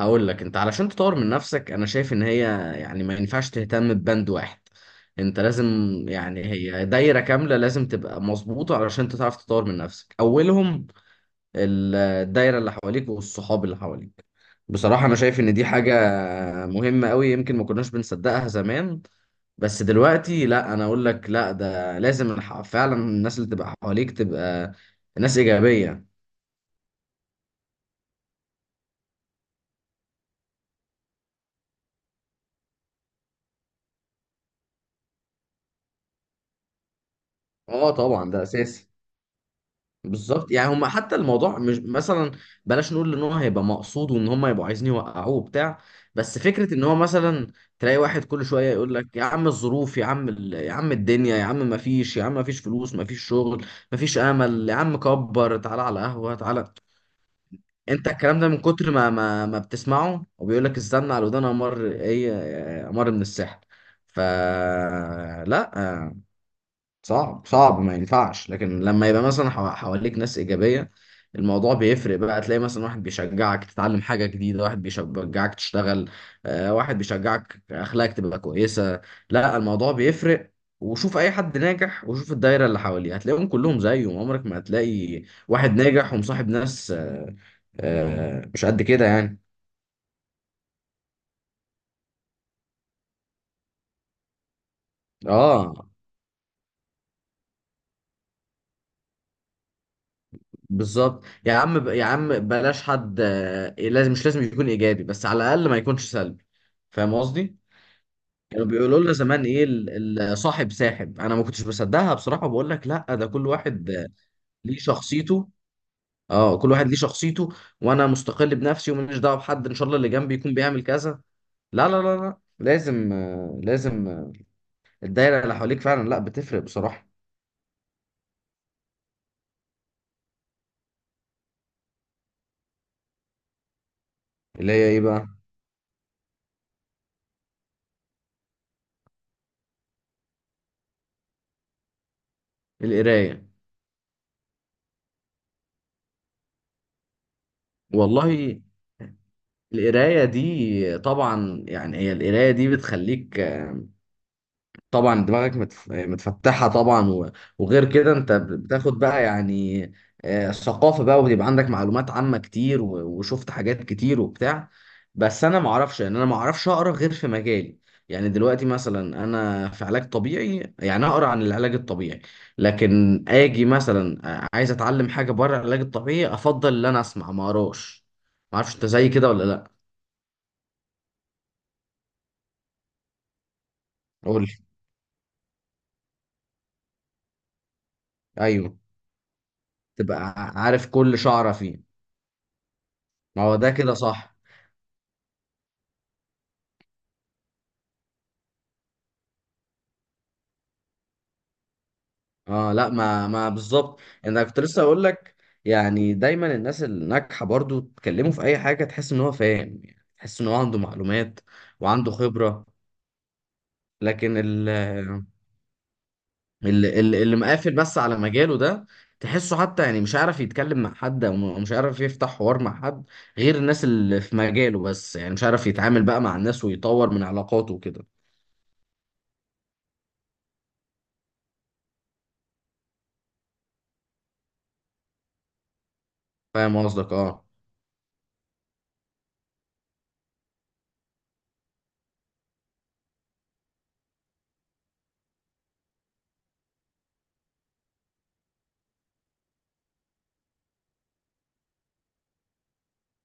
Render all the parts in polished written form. هقول لك انت علشان تطور من نفسك انا شايف ان هي يعني ما ينفعش تهتم ببند واحد. انت لازم، يعني هي دايرة كاملة لازم تبقى مظبوطة علشان انت تعرف تطور من نفسك. اولهم الدايرة اللي حواليك والصحاب اللي حواليك. بصراحة انا شايف ان دي حاجة مهمة قوي، يمكن ما كناش بنصدقها زمان، بس دلوقتي لا، انا اقول لك لا، ده لازم فعلا الناس اللي تبقى حواليك تبقى ناس إيجابية. اه طبعا ده اساسي. بالظبط، يعني هم حتى الموضوع مش مثلا، بلاش نقول ان هو هيبقى مقصود وان هم يبقوا عايزين يوقعوه وبتاع، بس فكره ان هو مثلا تلاقي واحد كل شويه يقول لك يا عم الظروف، يا عم يا عم الدنيا، يا عم ما فيش، يا عم ما فيش فلوس، ما فيش شغل، ما فيش امل، يا عم كبر تعالى على قهوه تعالى. انت الكلام ده من كتر ما بتسمعه وبيقول لك استنى على ودان امر، ايه امر من السحر. فلا، صعب صعب ما ينفعش، لكن لما يبقى مثلا حواليك ناس إيجابية الموضوع بيفرق بقى. تلاقي مثلا واحد بيشجعك تتعلم حاجة جديدة، واحد بيشجعك تشتغل، واحد بيشجعك أخلاقك تبقى كويسة. لا الموضوع بيفرق. وشوف أي حد ناجح وشوف الدايرة اللي حواليه، هتلاقيهم كلهم زيه. عمرك ما هتلاقي واحد ناجح ومصاحب ناس مش قد كده يعني. اه بالظبط، يا عم يا عم بلاش حد آه، إيه، لازم، مش لازم يكون ايجابي، بس على الاقل ما يكونش سلبي. فاهم قصدي. كانوا بيقولوا لنا زمان ايه صاحب ساحب، انا ما كنتش بصدقها بصراحه، بقول لك لا، ده كل واحد ليه شخصيته. اه كل واحد ليه شخصيته، وانا مستقل بنفسي وماليش دعوه بحد، ان شاء الله اللي جنبي يكون بيعمل كذا. لا لا لازم لازم الدايره اللي حواليك فعلا لا بتفرق بصراحه. اللي هي ايه بقى؟ القرايه. والله القراية دي طبعا، يعني هي القراية دي بتخليك طبعا دماغك متفتحة طبعا، و- وغير كده انت بتاخد بقى يعني ثقافة بقى، وبيبقى عندك معلومات عامة كتير، و- وشفت حاجات كتير وبتاع. بس انا معرفش، يعني انا معرفش اقرا غير في مجالي. يعني دلوقتي مثلا انا في علاج طبيعي، يعني اقرا عن العلاج الطبيعي، لكن اجي مثلا عايز اتعلم حاجة بره العلاج الطبيعي، افضل ان انا اسمع ما اقراش. معرفش انت زي كده ولا لا. قول. ايوه. تبقى عارف كل شعره فيه. ما هو ده كده صح. اه لا ما ما بالظبط، يعني انا كنت لسه اقول لك، يعني دايما الناس الناجحه برضو تكلمه في اي حاجه تحس ان هو فاهم، يعني تحس ان هو عنده معلومات وعنده خبره. لكن اللي مقافل بس على مجاله ده، تحسه حتى يعني مش عارف يتكلم مع حد، او مش عارف يفتح حوار مع حد غير الناس اللي في مجاله بس، يعني مش عارف يتعامل بقى مع الناس ويطور من علاقاته وكده. فاهم قصدك اه.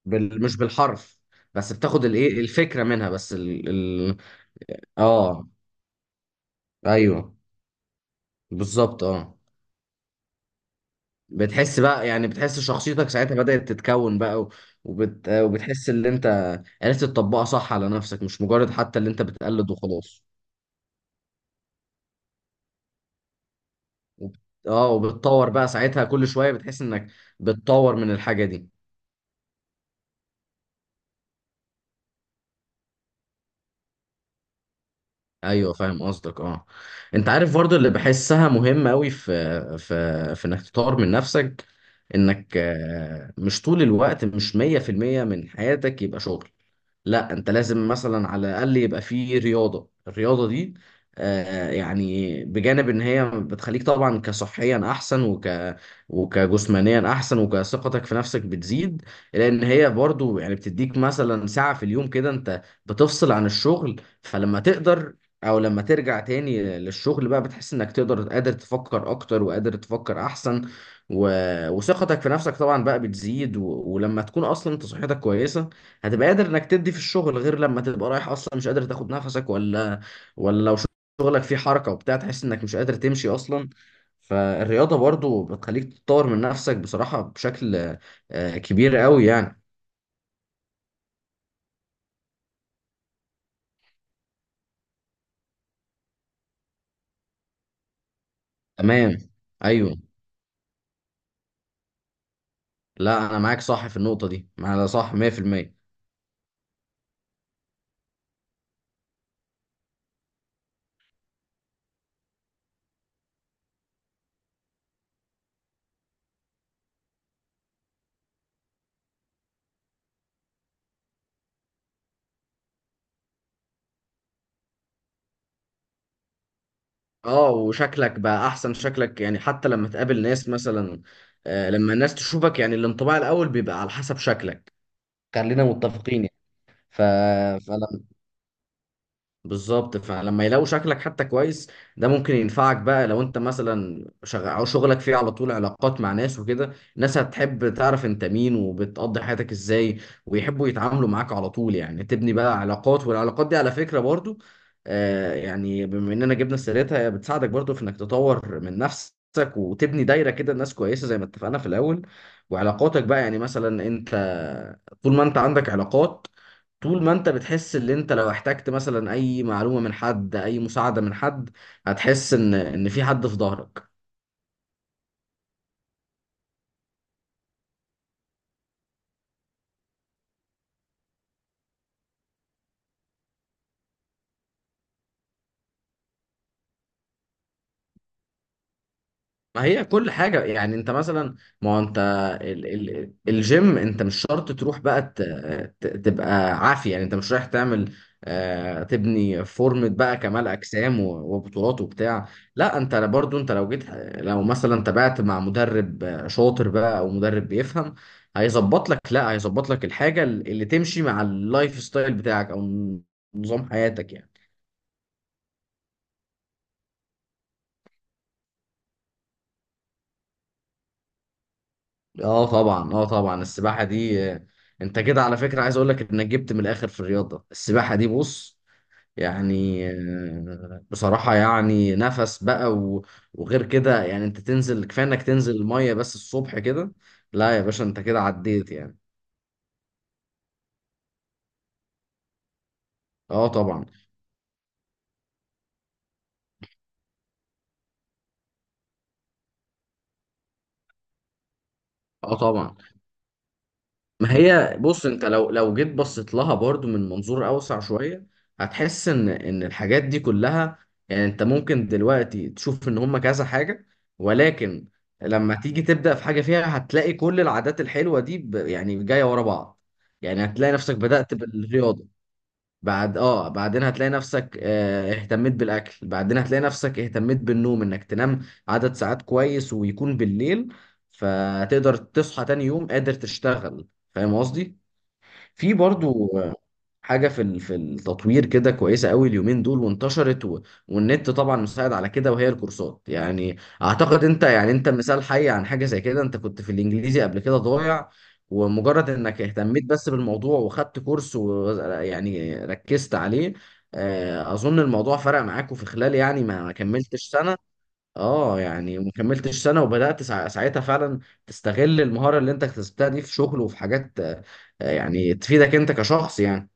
مش بالحرف، بس بتاخد الايه الفكره منها، بس اه ايوه بالظبط اه. بتحس بقى يعني بتحس شخصيتك ساعتها بدأت تتكون بقى، وبتحس ان انت عرفت تطبقها صح على نفسك، مش مجرد حتى اللي انت بتقلد وخلاص. وب... اه وبتطور بقى ساعتها، كل شويه بتحس انك بتطور من الحاجه دي. ايوه فاهم قصدك اه. انت عارف برضه اللي بحسها مهم قوي في في انك تطور من نفسك، انك مش طول الوقت، مش 100% من حياتك يبقى شغل. لا انت لازم مثلا على الاقل يبقى فيه رياضه. الرياضه دي آه، يعني بجانب ان هي بتخليك طبعا كصحيا احسن، وكجسمانيا احسن، وكثقتك في نفسك بتزيد، لان هي برضو يعني بتديك مثلا ساعه في اليوم كده انت بتفصل عن الشغل. فلما تقدر او لما ترجع تاني للشغل بقى، بتحس انك تقدر، قادر تفكر اكتر وقادر تفكر احسن، و... وثقتك في نفسك طبعا بقى بتزيد. و... ولما تكون اصلا انت صحتك كويسه هتبقى قادر انك تدي في الشغل، غير لما تبقى رايح اصلا مش قادر تاخد نفسك، ولا ولا لو شغلك فيه حركة وبتاع تحس انك مش قادر تمشي اصلا. فالرياضة برضو بتخليك تطور من نفسك بصراحة بشكل كبير قوي يعني. تمام. ايوه. لا انا معاك صح في النقطة دي، انا صح 100%. اه وشكلك بقى احسن، شكلك يعني حتى لما تقابل ناس مثلا لما الناس تشوفك، يعني الانطباع الاول بيبقى على حسب شكلك. خلينا متفقين يعني. ف... بالظبط، فلما يلاقوا شكلك حتى كويس، ده ممكن ينفعك بقى لو انت مثلا او شغلك فيه على طول علاقات مع ناس وكده، الناس هتحب تعرف انت مين وبتقضي حياتك ازاي، ويحبوا يتعاملوا معاك على طول، يعني تبني بقى علاقات. والعلاقات دي على فكرة برضو آه، يعني بما اننا جبنا سيرتها، هي بتساعدك برضو في انك تطور من نفسك وتبني دايرة كده ناس كويسة زي ما اتفقنا في الاول. وعلاقاتك بقى يعني مثلا انت، طول ما انت عندك علاقات، طول ما انت بتحس ان انت لو احتجت مثلا اي معلومة من حد، اي مساعدة من حد، هتحس ان في حد في ظهرك. ما هي كل حاجة يعني انت مثلا، ما هو انت ال ال الجيم انت مش شرط تروح بقى تبقى عافية، يعني انت مش رايح تعمل آه تبني فورمة بقى كمال اجسام، و- وبطولات وبتاع. لا انت برضو، انت لو جيت، لو مثلا تابعت مع مدرب شاطر بقى او مدرب بيفهم، هيظبط لك لا هيظبط لك الحاجة اللي تمشي مع اللايف ستايل بتاعك او نظام حياتك يعني. اه طبعا اه طبعا السباحه دي آه، انت كده على فكره عايز اقول لك انك جبت من الاخر في الرياضه. السباحه دي بص، يعني آه، بصراحه يعني نفس بقى، و- وغير كده يعني انت تنزل، كفايه انك تنزل الميه بس الصبح كده. لا يا باشا انت كده عديت يعني. اه طبعا اه طبعا. ما هي بص، انت لو لو جيت بصيت لها برضو من منظور اوسع شويه، هتحس ان الحاجات دي كلها، يعني انت ممكن دلوقتي تشوف ان هم كذا حاجه، ولكن لما تيجي تبدا في حاجه فيها، هتلاقي كل العادات الحلوه دي ب- يعني جايه ورا بعض. يعني هتلاقي نفسك بدات بالرياضه، بعد اه بعدين هتلاقي نفسك اهتميت بالاكل، بعدين هتلاقي نفسك اهتميت بالنوم، انك تنام عدد ساعات كويس ويكون بالليل، فتقدر تصحى تاني يوم قادر تشتغل. فاهم قصدي. في برضو حاجة في في التطوير كده كويسة قوي، اليومين دول وانتشرت، و... والنت طبعا مساعد على كده، وهي الكورسات. يعني اعتقد انت، يعني انت مثال حي عن حاجة زي كده. انت كنت في الانجليزي قبل كده ضايع، ومجرد انك اهتميت بس بالموضوع وخدت كورس ويعني ركزت عليه، اظن الموضوع فرق معاك، وفي خلال يعني ما ما كملتش سنة. اه يعني ما كملتش سنه، وبدات ساعتها فعلا تستغل المهاره اللي انت اكتسبتها دي في شغل وفي حاجات يعني تفيدك انت كشخص يعني.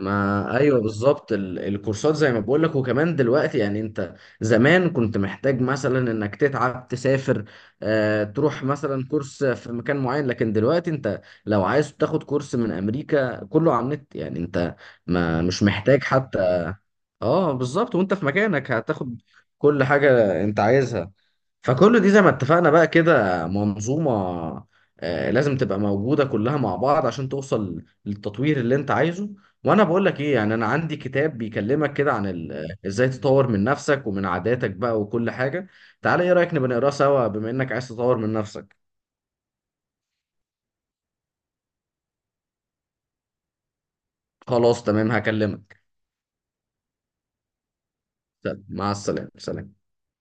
ما ايوه بالظبط، الكورسات زي ما بقول لك. وكمان دلوقتي يعني انت، زمان كنت محتاج مثلا انك تتعب تسافر آه تروح مثلا كورس في مكان معين، لكن دلوقتي انت لو عايز تاخد كورس من امريكا كله على النت، يعني انت ما مش محتاج حتى. اه بالظبط، وانت في مكانك هتاخد كل حاجة انت عايزها. فكل دي زي ما اتفقنا بقى كده منظومة لازم تبقى موجودة كلها مع بعض عشان توصل للتطوير اللي انت عايزه. وانا بقول لك ايه، يعني انا عندي كتاب بيكلمك كده عن آه، ازاي تطور من نفسك ومن عاداتك بقى وكل حاجة. تعالى ايه رأيك نبقى نقراه سوا بما انك عايز تطور من نفسك. خلاص تمام هكلمك. طب، مع السلامة سلام.